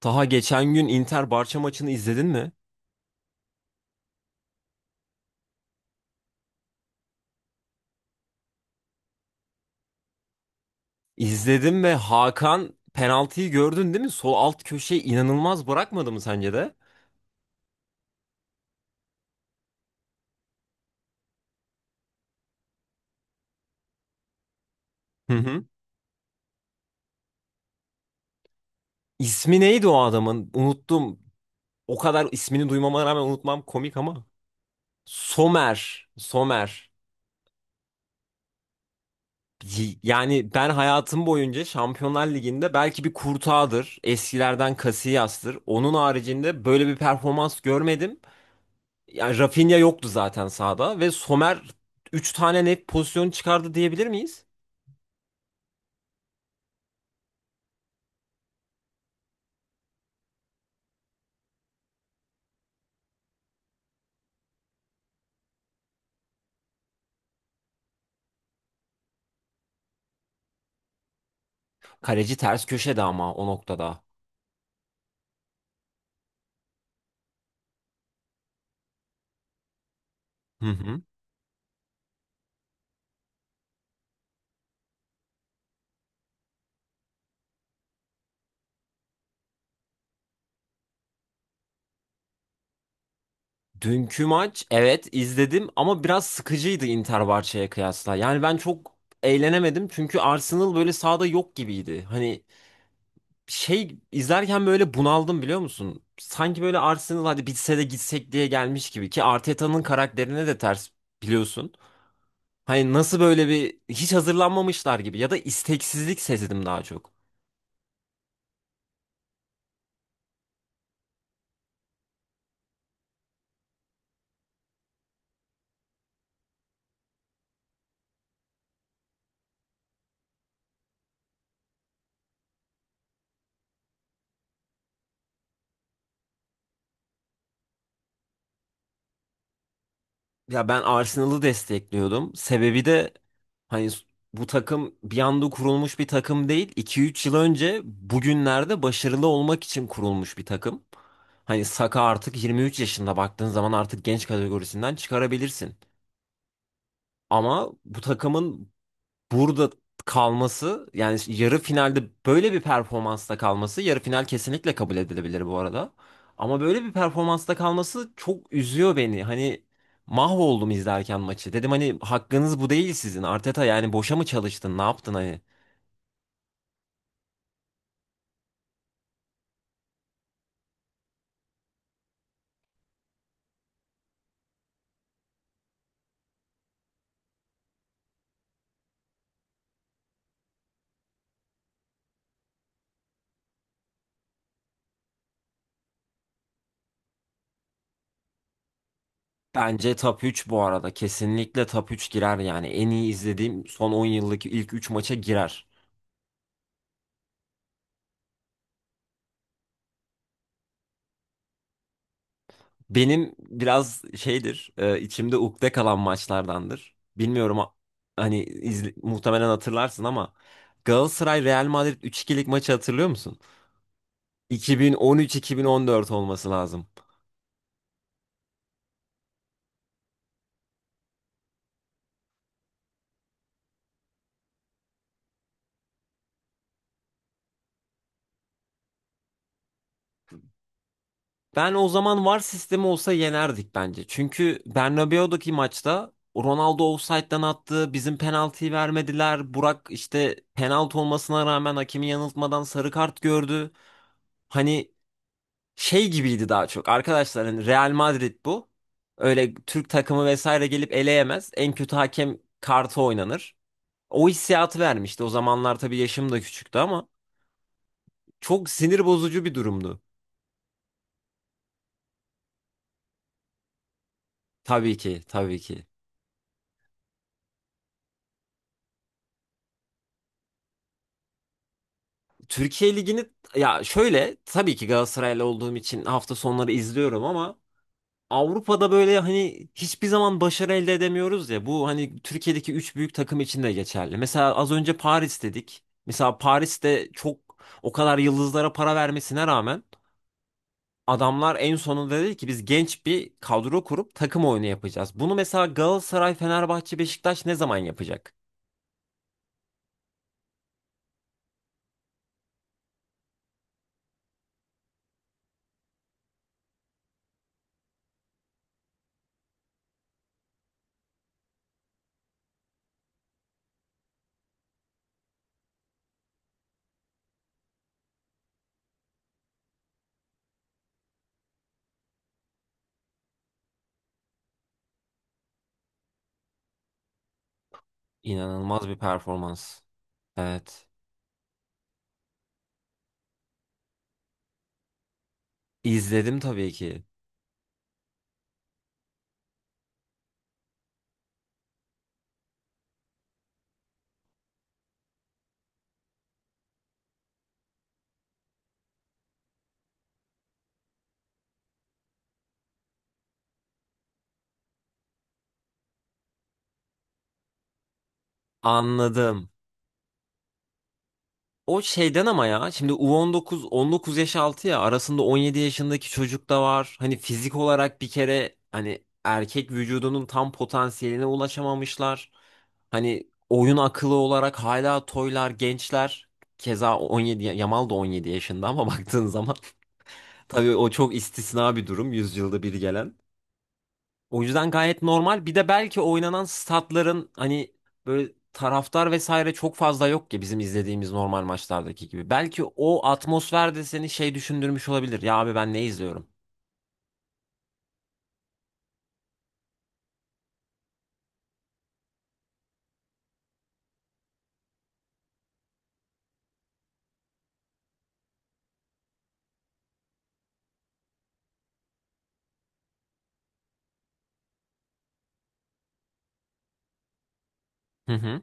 Taha geçen gün Inter Barça maçını izledin mi? İzledim ve Hakan penaltıyı gördün değil mi? Sol alt köşeyi inanılmaz bırakmadı mı sence de? Hı hı. İsmi neydi o adamın? Unuttum. O kadar ismini duymama rağmen unutmam komik ama. Somer. Somer. Yani ben hayatım boyunca Şampiyonlar Ligi'nde belki bir Courtois'dır. Eskilerden Casillas'tır. Onun haricinde böyle bir performans görmedim. Yani Rafinha yoktu zaten sahada ve Somer 3 tane net pozisyon çıkardı diyebilir miyiz? Kaleci ters köşede ama o noktada. Hı hı. Dünkü maç, evet, izledim ama biraz sıkıcıydı Inter Barça'ya kıyasla. Yani ben çok eğlenemedim çünkü Arsenal böyle sahada yok gibiydi. Hani şey izlerken böyle bunaldım biliyor musun? Sanki böyle Arsenal hadi bitse de gitsek diye gelmiş gibi ki Arteta'nın karakterine de ters, biliyorsun. Hani nasıl böyle bir hiç hazırlanmamışlar gibi ya da isteksizlik sezdim daha çok. Ya ben Arsenal'ı destekliyordum. Sebebi de hani bu takım bir anda kurulmuş bir takım değil. 2 3 yıl önce bugünlerde başarılı olmak için kurulmuş bir takım. Hani Saka artık 23 yaşında, baktığın zaman artık genç kategorisinden çıkarabilirsin. Ama bu takımın burada kalması, yani yarı finalde böyle bir performansta kalması, yarı final kesinlikle kabul edilebilir bu arada. Ama böyle bir performansta kalması çok üzüyor beni. Hani mahvoldum izlerken maçı. Dedim hani hakkınız bu değil sizin. Arteta, yani boşa mı çalıştın? Ne yaptın hani? Bence top 3 bu arada. Kesinlikle top 3 girer yani. En iyi izlediğim son 10 yıldaki ilk 3 maça girer. Benim biraz şeydir, içimde ukde kalan maçlardandır. Bilmiyorum hani muhtemelen hatırlarsın ama Galatasaray Real Madrid üç 2'lik maçı hatırlıyor musun? 2013-2014 olması lazım. Ben o zaman VAR sistemi olsa yenerdik bence. Çünkü Bernabéu'daki maçta Ronaldo ofsayttan attı, bizim penaltıyı vermediler. Burak işte penaltı olmasına rağmen hakemi yanıltmadan sarı kart gördü. Hani şey gibiydi daha çok. Arkadaşlar hani Real Madrid bu. Öyle Türk takımı vesaire gelip eleyemez. En kötü hakem kartı oynanır. O hissiyatı vermişti. O zamanlar tabii yaşım da küçüktü ama çok sinir bozucu bir durumdu. Tabii ki, tabii ki. Türkiye Ligi'ni, ya şöyle, tabii ki Galatasaraylı olduğum için hafta sonları izliyorum ama Avrupa'da böyle hani hiçbir zaman başarı elde edemiyoruz ya. Bu hani Türkiye'deki üç büyük takım için de geçerli. Mesela az önce Paris dedik. Mesela Paris'te çok, o kadar yıldızlara para vermesine rağmen, adamlar en sonunda dedi ki biz genç bir kadro kurup takım oyunu yapacağız. Bunu mesela Galatasaray, Fenerbahçe, Beşiktaş ne zaman yapacak? İnanılmaz bir performans. Evet. İzledim tabii ki. Anladım. O şeyden ama ya şimdi U19, 19 yaş altı ya, arasında 17 yaşındaki çocuk da var. Hani fizik olarak bir kere hani erkek vücudunun tam potansiyeline ulaşamamışlar. Hani oyun akıllı olarak hala toylar, gençler. Keza 17 Yamal da 17 yaşında ama baktığın zaman tabii o çok istisna bir durum, yüzyılda bir gelen. O yüzden gayet normal. Bir de belki oynanan statların hani böyle taraftar vesaire çok fazla yok ki bizim izlediğimiz normal maçlardaki gibi. Belki o atmosfer de seni şey düşündürmüş olabilir. Ya abi ben ne izliyorum? Hı hı.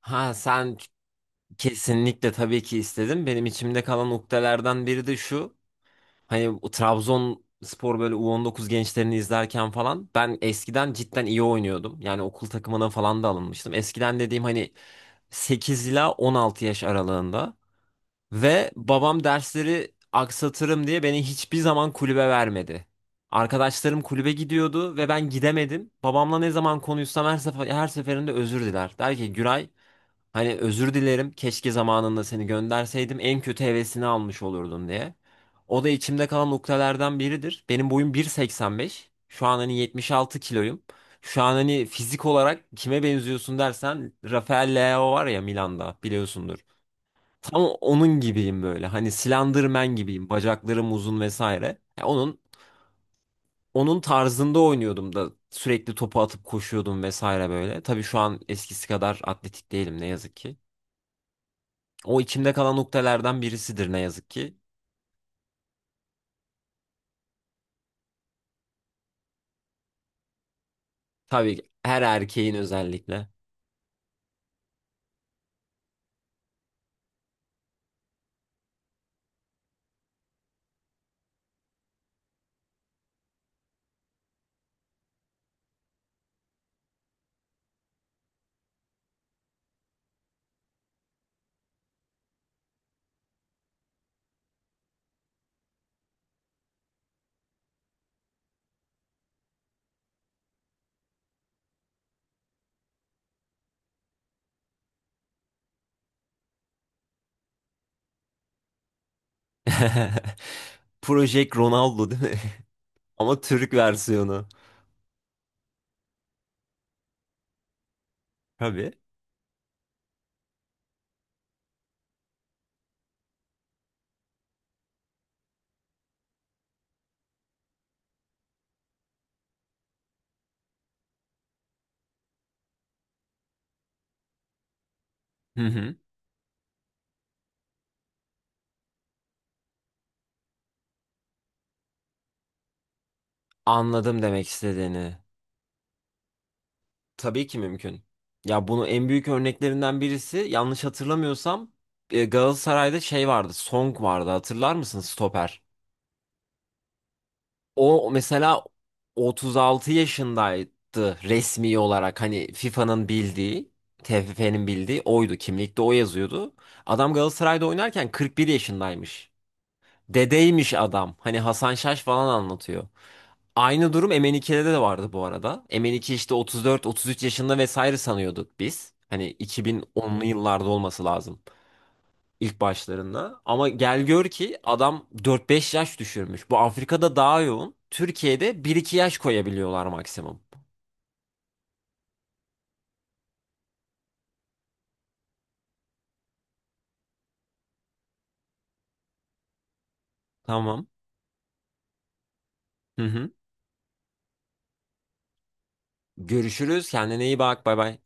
Ha sen, kesinlikle tabii ki istedim. Benim içimde kalan ukdelerden biri de şu. Hani o Trabzonspor böyle U19 gençlerini izlerken falan ben eskiden cidden iyi oynuyordum. Yani okul takımına falan da alınmıştım. Eskiden dediğim hani 8 ila 16 yaş aralığında. Ve babam dersleri aksatırım diye beni hiçbir zaman kulübe vermedi. Arkadaşlarım kulübe gidiyordu ve ben gidemedim. Babamla ne zaman konuşsam her sefer, her seferinde özür diler. Der ki Güray, hani özür dilerim, keşke zamanında seni gönderseydim, en kötü hevesini almış olurdun diye. O da içimde kalan noktalardan biridir. Benim boyum 1,85. Şu an hani 76 kiloyum. Şu an hani fizik olarak kime benziyorsun dersen, Rafael Leao var ya Milan'da, biliyorsundur. Tam onun gibiyim böyle. Hani Slenderman gibiyim. Bacaklarım uzun vesaire. Ya onun tarzında oynuyordum da sürekli topu atıp koşuyordum vesaire böyle. Tabii şu an eskisi kadar atletik değilim ne yazık ki. O içimde kalan noktalardan birisidir ne yazık ki. Tabii, her erkeğin özellikle. Project Ronaldo değil mi? Ama Türk versiyonu. Tabii. Hı hı. Anladım demek istediğini. Tabii ki mümkün. Ya bunu en büyük örneklerinden birisi, yanlış hatırlamıyorsam, Galatasaray'da şey vardı. Song vardı. Hatırlar mısın, stoper? O mesela 36 yaşındaydı resmi olarak, hani FIFA'nın bildiği, TFF'nin bildiği oydu. Kimlikte o yazıyordu. Adam Galatasaray'da oynarken 41 yaşındaymış. Dedeymiş adam. Hani Hasan Şaş falan anlatıyor. Aynı durum MN2'de de vardı bu arada. MN2 işte 34-33 yaşında vesaire sanıyorduk biz. Hani 2010'lu yıllarda olması lazım ilk başlarında. Ama gel gör ki adam 4-5 yaş düşürmüş. Bu Afrika'da daha yoğun. Türkiye'de bir iki yaş koyabiliyorlar maksimum. Tamam. Hı hı. Görüşürüz. Kendine iyi bak. Bay bay.